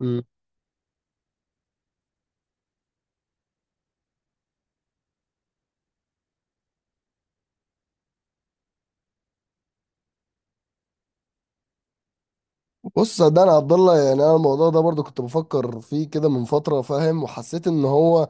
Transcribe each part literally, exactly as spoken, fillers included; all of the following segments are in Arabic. مم. بص، صدقني يا عبد الله، يعني انا الموضوع ده برضو كنت بفكر فيه كده من فتره، فاهم؟ وحسيت ان هو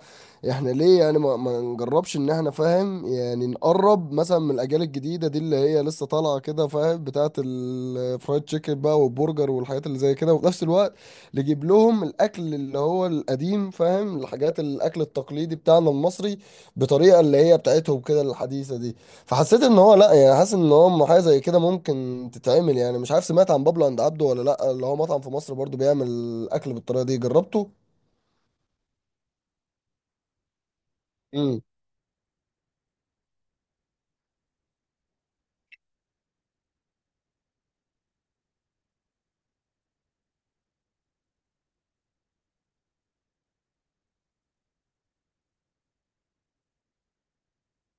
احنا ليه يعني ما, ما نجربش ان احنا، فاهم، يعني نقرب مثلا من الاجيال الجديده دي اللي هي لسه طالعه كده، فاهم، بتاعه الفرايد تشيكن بقى والبرجر والحاجات اللي زي كده، وفي نفس الوقت نجيب لهم الاكل اللي هو القديم، فاهم الحاجات، الاكل التقليدي بتاعنا المصري، بطريقه اللي هي بتاعتهم كده الحديثه دي. فحسيت ان هو، لا، يعني حاسس ان هو حاجه زي كده ممكن تتعمل. يعني مش عارف، سمعت عن بابلو عند عبده ولا لا؟ اللي هو مطعم في مصر برضو بيعمل اكل بالطريقه دي، جربته؟ امم.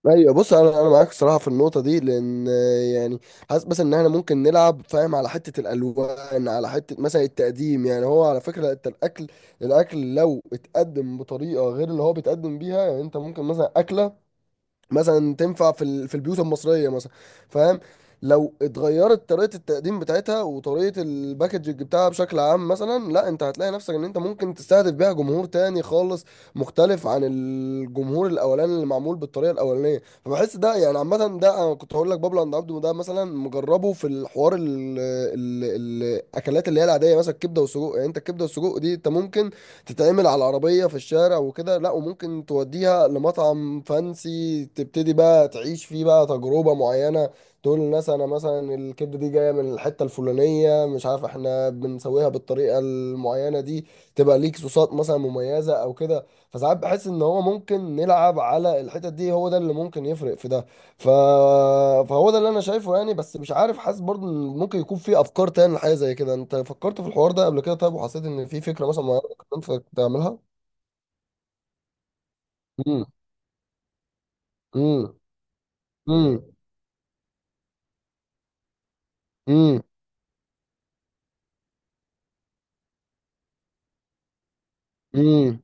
ايوه، بص، انا انا معاك الصراحه في النقطه دي، لان آه، يعني حاسس، بس ان احنا ممكن نلعب، فاهم، على حته الالوان، على حته مثلا التقديم. يعني هو على فكره انت، الاكل الاكل لو اتقدم بطريقه غير اللي هو بيتقدم بيها، يعني انت ممكن مثلا اكله مثلا تنفع في ال- في البيوت المصريه مثلا، فاهم؟ لو اتغيرت طريقه التقديم بتاعتها وطريقه الباكجنج بتاعها بشكل عام، مثلا لا، انت هتلاقي نفسك ان انت ممكن تستهدف بيها جمهور تاني خالص، مختلف عن الجمهور الاولاني اللي معمول بالطريقه الاولانيه. فبحس ده يعني عامه. ده انا كنت هقول لك، بابلو عند عبده ده مثلا مجربه. في الحوار ال- ال- الاكلات اللي هي العاديه، مثلا الكبده والسجق. يعني انت الكبده والسجق دي انت ممكن تتعمل على العربية في الشارع وكده، لا، وممكن توديها لمطعم فانسي، تبتدي بقى تعيش فيه بقى تجربة معينة، تقول للناس انا مثلا الكبدة دي جاية من الحتة الفلانية، مش عارف، احنا بنسويها بالطريقة المعينة دي، تبقى ليك صوصات مثلا مميزة او كده. فساعات بحس ان هو ممكن نلعب على الحتت دي، هو ده اللي ممكن يفرق في ده. ف... فهو ده اللي انا شايفه، يعني. بس مش عارف، حاسس برضه ان ممكن يكون في افكار تاني لحاجه زي كده. انت فكرت في الحوار ده قبل كده؟ طيب وحسيت ان في فكره مثلا انت تعملها؟ امم. امم. امم. امم. امم.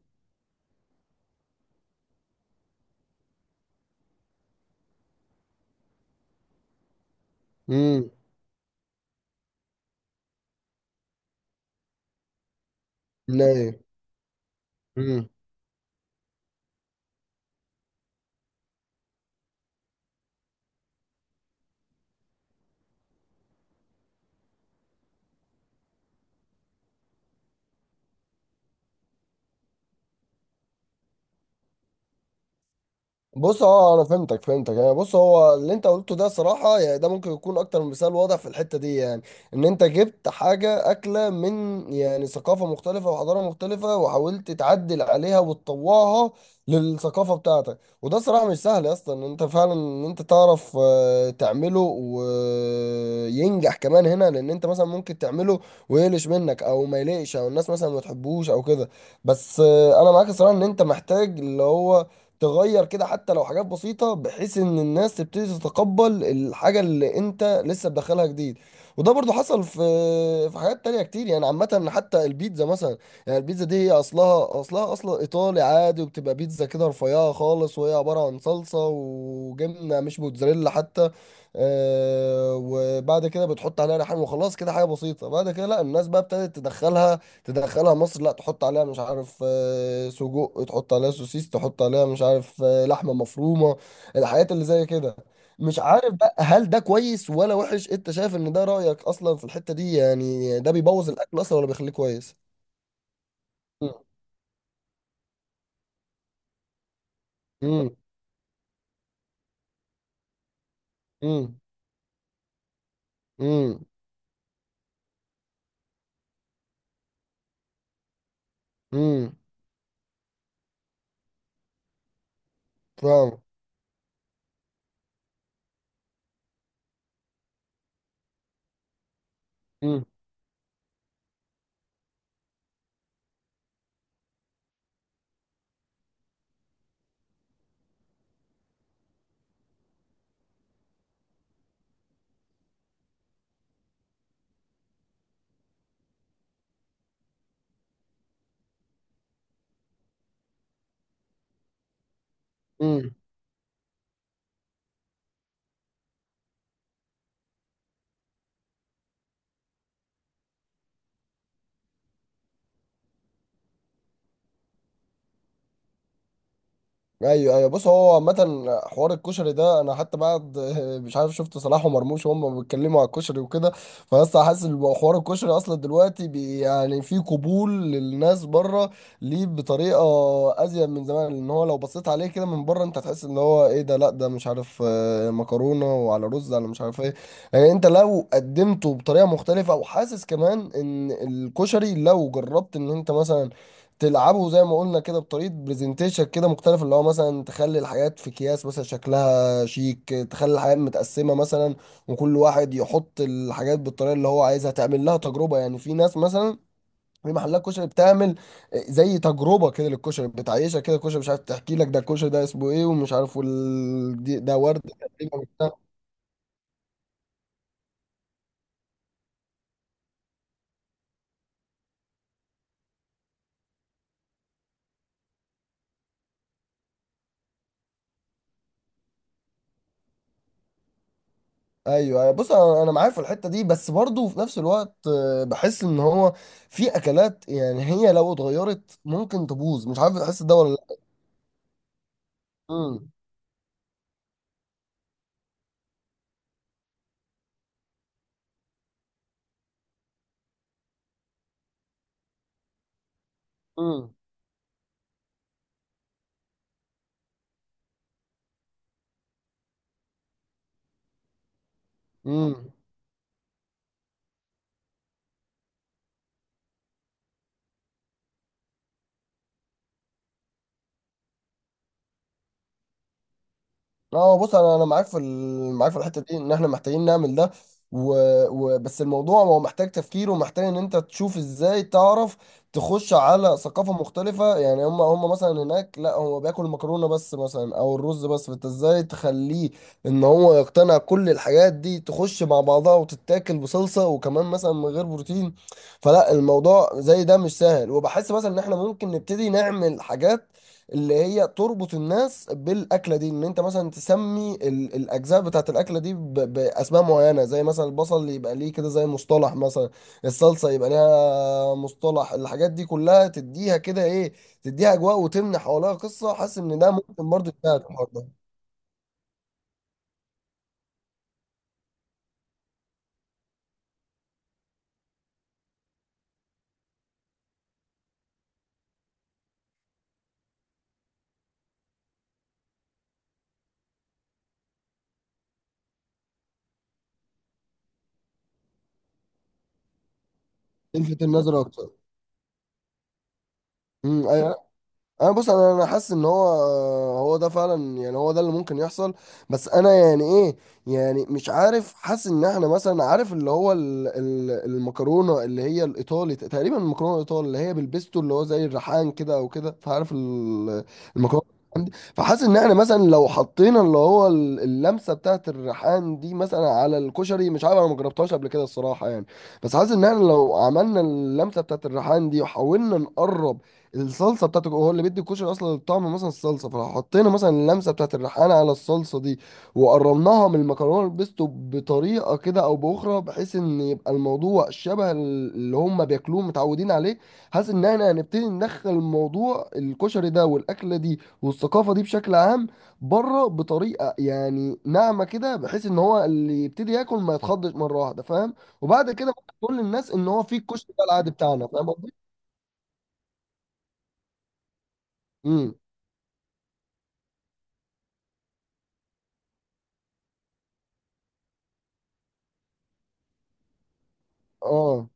امم. نايم. بص، اه، انا فهمتك فهمتك يعني. بص، هو اللي انت قلته ده صراحة يعني ده ممكن يكون اكتر من مثال واضح في الحتة دي، يعني ان انت جبت حاجة اكلة من يعني ثقافة مختلفة وحضارة مختلفة، وحاولت تعدل عليها وتطوعها للثقافة بتاعتك. وده صراحة مش سهل يا اسطى، ان انت فعلا ان انت تعرف آه، تعمله وينجح كمان هنا. لان انت مثلا ممكن تعمله ويقلش منك او ما يليقش او الناس مثلا ما تحبوش او كده. بس آه، انا معاك الصراحة، ان انت محتاج اللي هو تغير كده حتى لو حاجات بسيطة بحيث ان الناس تبتدي تتقبل الحاجة اللي انت لسه مدخلها جديد. وده برضو حصل في في حاجات تانية كتير. يعني عامة حتى البيتزا مثلا. يعني البيتزا دي هي اصلها اصلها اصلا ايطالي عادي، وبتبقى بيتزا كده رفيعة خالص وهي عبارة عن صلصة وجبنة مش موتزاريلا حتى، آه، وبعد كده بتحط عليها ريحان وخلاص كده حاجة بسيطة. بعد كده لا، الناس بقى ابتدت تدخلها تدخلها مصر، لا تحط عليها مش عارف آه، سجق، تحط عليها سوسيس، تحط عليها مش عارف آه، لحمة مفرومة، الحاجات اللي زي كده. مش عارف بقى، هل ده كويس ولا وحش؟ انت شايف ان ده، رأيك اصلا في الحتة دي، يعني ده بيبوظ الاكل اصلا ولا بيخليه كويس؟ امم. امم. امم. امم. فاهم. ايوه ايوه، بص، هو عامة حوار الكشري ده انا حتى بعد مش عارف، شفت صلاح ومرموش وهم بيتكلموا على الكشري وكده. فلسه حاسس ان حوار الكشري اصلا دلوقتي بي، يعني، في قبول للناس بره ليه بطريقه ازيد من زمان، لان هو لو بصيت عليه كده من بره انت هتحس ان هو ايه ده، لا ده مش عارف آه، مكرونه وعلى رز على مش عارف ايه. يعني انت لو قدمته بطريقه مختلفه، وحاسس كمان ان الكشري لو جربت ان انت مثلا تلعبه زي ما قلنا كده بطريقه برزنتيشن كده مختلف، اللي هو مثلا تخلي الحاجات في اكياس مثلا شكلها شيك، تخلي الحاجات متقسمه مثلا، وكل واحد يحط الحاجات بالطريقه اللي هو عايزها، تعمل لها تجربه. يعني في ناس مثلا، في محلات كشري بتعمل زي تجربه كده للكشري بتعيشها كده، الكشري مش عارف تحكي لك ده الكشري ده اسمه ايه ومش عارف، وال... دي- ده ورد تقريبا. ايوه أيوة. بص، انا أنا معاك في الحته دي، بس برضه في نفس الوقت آه، بحس ان هو في اكلات يعني هي لو اتغيرت ممكن تبوظ، مش عارف بتحس ده ولا لا. امم. امم. اه، بص، انا انا معاك في ال... معاك في الحته دي، ان احنا محتاجين نعمل ده. و... و... بس الموضوع هو محتاج تفكير، ومحتاج ان انت تشوف ازاي، تعرف تخش على ثقافه مختلفه. يعني هم هم مثلا هناك لا، هو بياكل المكرونه بس مثلا او الرز بس، فانت ازاي تخليه ان هو يقتنع كل الحاجات دي تخش مع بعضها وتتاكل بصلصه، وكمان مثلا من غير بروتين. فلا، الموضوع زي ده مش سهل. وبحس مثلا ان احنا ممكن نبتدي نعمل حاجات اللي هي تربط الناس بالاكله دي. ان انت مثلا تسمي ال- الاجزاء بتاعت الاكله دي ب- باسماء معينه، زي مثلا البصل يبقى ليه كده زي مصطلح، مثلا الصلصه يبقى ليها مصطلح، الحاجات دي كلها تديها كده ايه، تديها اجواء وتمنح حواليها قصه. حاسس ان ده ممكن برضه يساعد في الحوار ده، يلفت النظر اكتر. امم. انا، بص، انا انا حاسس ان هو، هو ده فعلا يعني، هو ده اللي ممكن يحصل. بس انا يعني ايه، يعني مش عارف، حاسس ان احنا مثلا، عارف اللي هو ال- ال- المكرونه اللي هي الايطالي تقريبا، المكرونه الايطالي اللي هي بالبيستو، اللي هو زي الريحان كده او كده، فعارف ال- المكرونه عندي. فحاسس ان احنا مثلا لو حطينا اللي هو ال- اللمسه بتاعت الريحان دي مثلا على الكشري، مش عارف انا ما جربتهاش قبل كده الصراحه يعني. بس حاسس ان احنا لو عملنا اللمسه بتاعت الريحان دي، وحاولنا نقرب الصلصه بتاعته، هو اللي بيدي الكشري اصلا الطعم، مثلا الصلصه، فلو حطينا مثلا اللمسه بتاعت الريحانه على الصلصه دي، وقربناها من المكرونه البيستو بطريقه كده او باخرى، بحيث ان يبقى الموضوع شبه ال- اللي هم بياكلوه متعودين عليه. حاسس ان احنا هنبتدي ندخل الموضوع، الكشري ده والاكله دي والثقافه دي بشكل عام بره، بطريقه يعني ناعمه كده، بحيث ان هو اللي يبتدي ياكل ما يتخضش مره واحده، فاهم؟ وبعد كده ممكن تقول للناس ان هو في الكشري ده العادي بتاعنا. فاهم قصدي؟ امم. اه.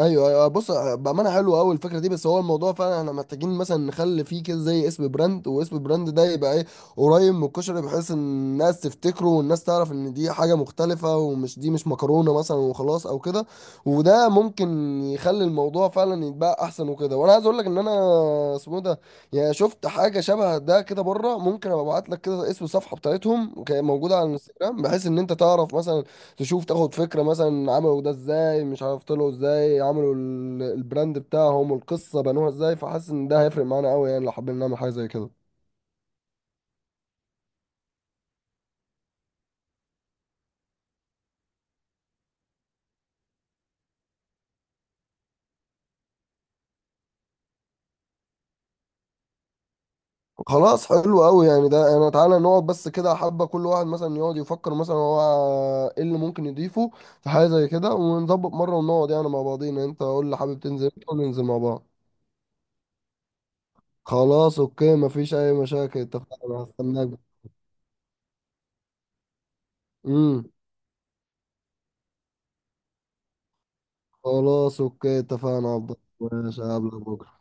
ايوه ايوه، بص، بامانه حلوه قوي الفكره دي. بس هو الموضوع فعلا احنا محتاجين مثلا نخلي فيه كده زي اسم براند، واسم براند ده يبقى ايه، قريب من الكشري، بحيث ان الناس تفتكره والناس تعرف ان دي حاجه مختلفه، ومش دي مش مكرونه مثلا وخلاص او كده. وده ممكن يخلي الموضوع فعلا يتباع احسن وكده. وانا عايز اقول لك ان انا، اسمه إيه ده، يعني شفت حاجه شبه ده كده بره، ممكن ابقى ابعت لك كده اسم الصفحه بتاعتهم، وكانت موجوده على الانستجرام، بحيث ان انت تعرف مثلا، تشوف، تاخد فكرة مثلا عملوا ده ازاي، مش عارف طلعوا ازاي، عملوا ال- البراند بتاعهم والقصة بنوها ازاي. فحاسس ان ده هيفرق معانا قوي يعني لو حابين نعمل حاجة زي كده. خلاص، حلو قوي، يعني ده انا، تعالى نقعد بس كده حبة، كل واحد مثلا يقعد يفكر مثلا هو ايه اللي ممكن يضيفه في حاجة زي كده، ونظبط مرة ونقعد يعني مع بعضينا. انت قول لي، حابب تنزل، وننزل مع بعض. خلاص. اوكي، مفيش اي مشاكل، اتفقنا، هستناك. امم. خلاص. اوكي، اتفقنا يا عبد الله. ماشي، هقابلك بكرة.